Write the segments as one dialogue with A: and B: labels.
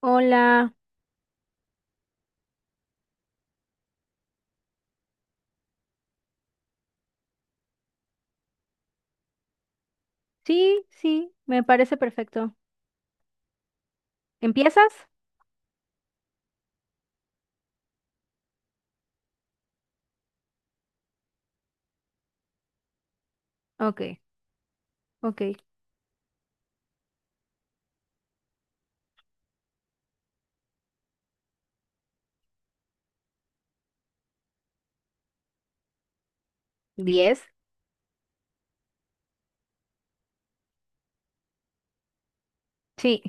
A: Hola. Sí, sí, me parece perfecto. ¿Empiezas? Ok, ok. ¿Diez? Sí.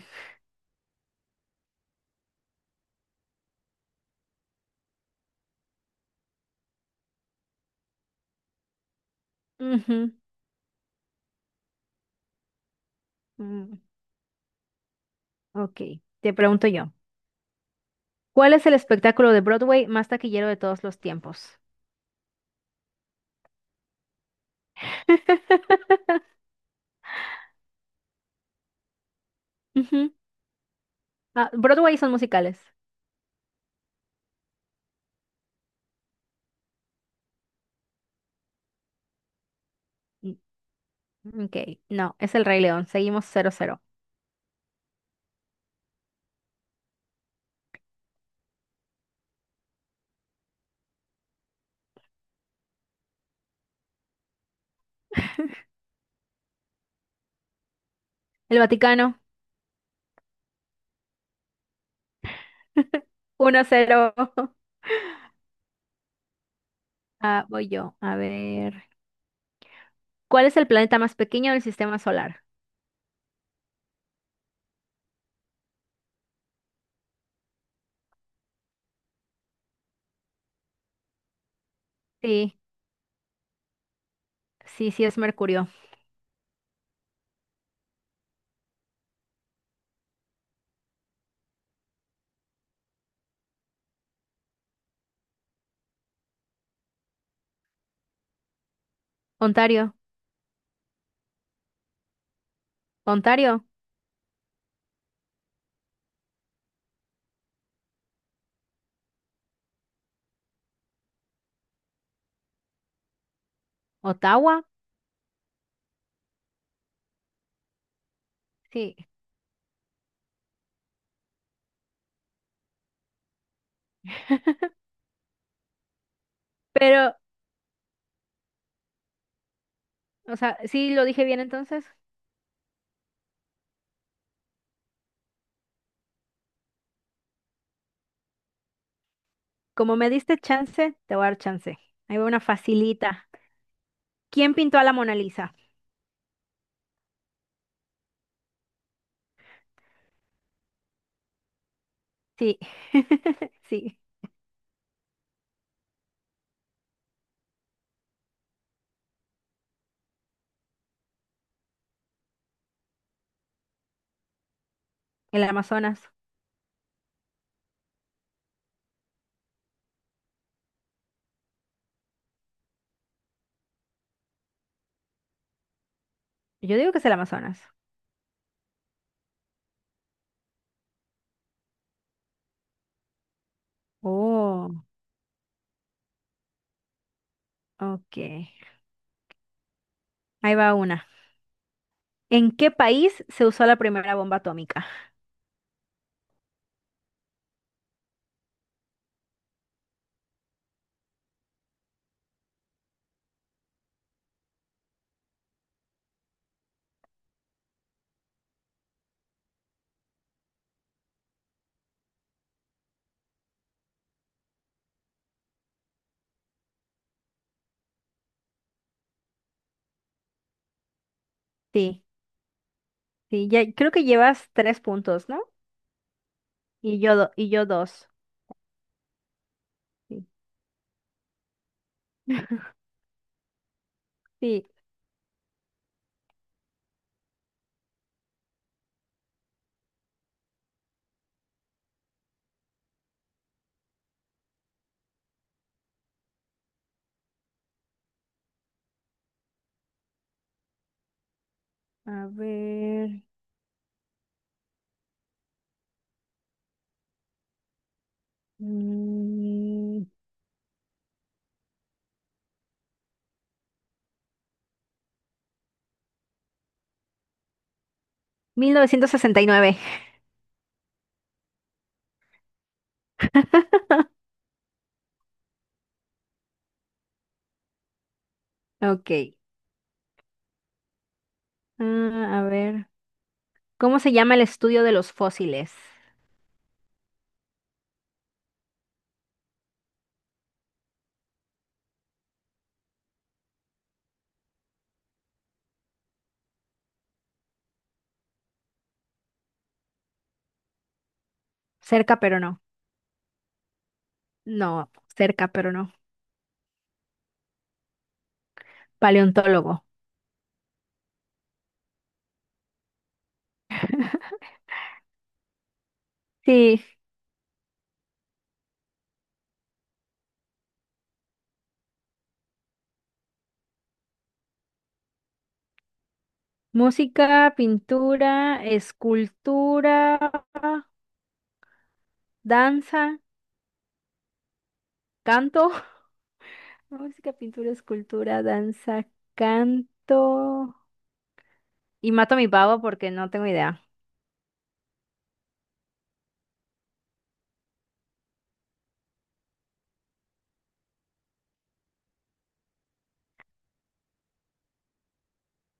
A: Ujú. mm, Ok, te pregunto yo. ¿Cuál es el espectáculo de Broadway más taquillero de todos los tiempos? Ujú. Ah, Broadway son musicales. Mm, Ok, no, es El Rey León. Seguimos cero cero. El Vaticano. Uno cero. Ah, voy yo. A ver. ¿Cuál es el planeta más pequeño del sistema solar? Sí, sí, sí, es Mercurio. ¿Ontario? Ontario, Ottawa, sí. Pero, o sea, sí lo dije bien entonces. Como me diste chance, te voy a dar chance. Ahí va una facilita. ¿Quién pintó a la Mona Lisa? Sí, sí, el Amazonas. Yo digo que es el Amazonas. Oh, ok. Ahí va una. ¿En qué país se usó la primera bomba atómica? Sí, sí, ya, creo que llevas tres puntos, ¿no? Y yo, y yo dos. Sí, sí. A ver. mm, 1969. Ok. Ah, a ver. ¿Cómo se llama el estudio de los fósiles? Cerca, pero no. No, cerca, pero no. Paleontólogo. Sí. Música, pintura, escultura, danza, canto. Música, pintura, escultura, danza, canto. Y mato a mi pavo porque no tengo idea.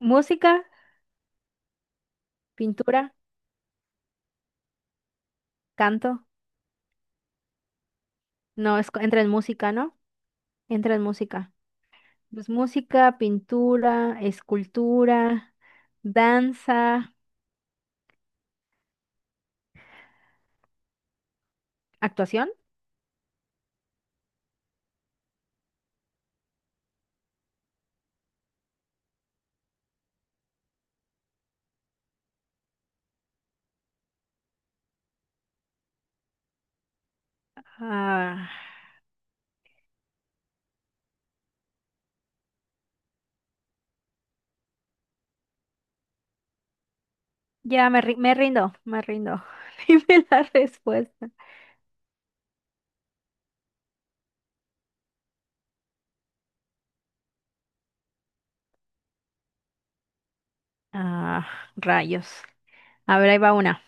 A: Música, pintura, canto. No, es, entra en música, ¿no? Entra en música. Pues música, pintura, escultura, danza, actuación. Ah, ya me, me rindo, me rindo. Dime la respuesta. Ah, rayos. A ver, ahí va una.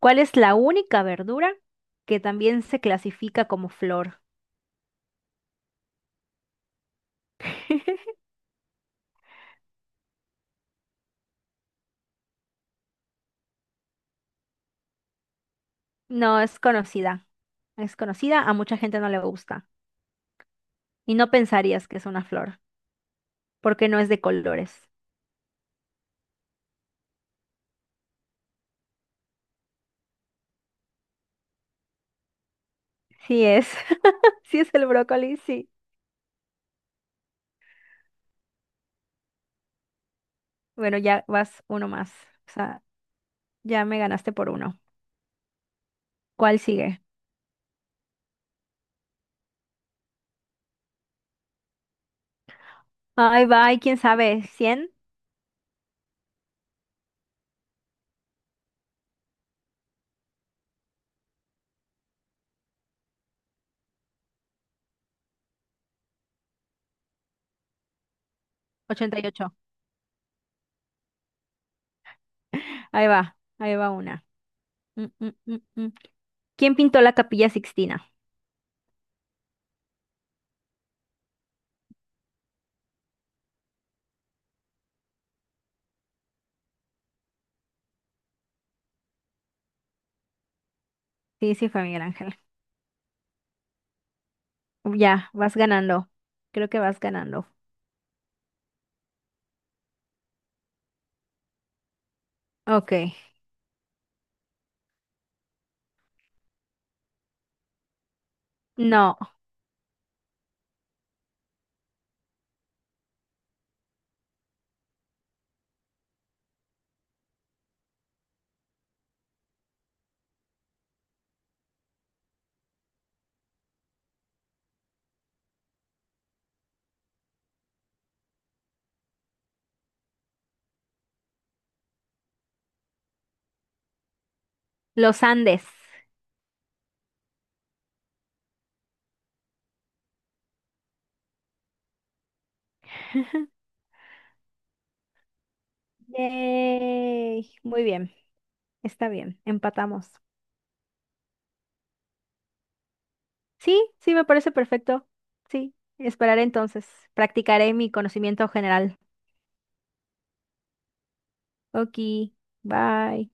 A: ¿Cuál es la única verdura que también se clasifica como flor? No, es conocida. Es conocida, a mucha gente no le gusta. Y no pensarías que es una flor, porque no es de colores. Sí es. Sí es el brócoli, sí. Bueno, ya vas uno más. O sea, ya me ganaste por uno. ¿Cuál sigue? Ahí va, ahí quién sabe, cien. Ochenta y ocho. Ahí va una. Mm, mm, mm, mm. ¿Quién pintó la Capilla Sixtina? Sí, sí fue Miguel Ángel. Ya, vas ganando. Creo que vas ganando. Ok. No, los Andes. Yay. Muy bien, está bien, empatamos. Sí, sí, me parece perfecto. Sí, esperaré entonces. Practicaré mi conocimiento general. Ok, bye.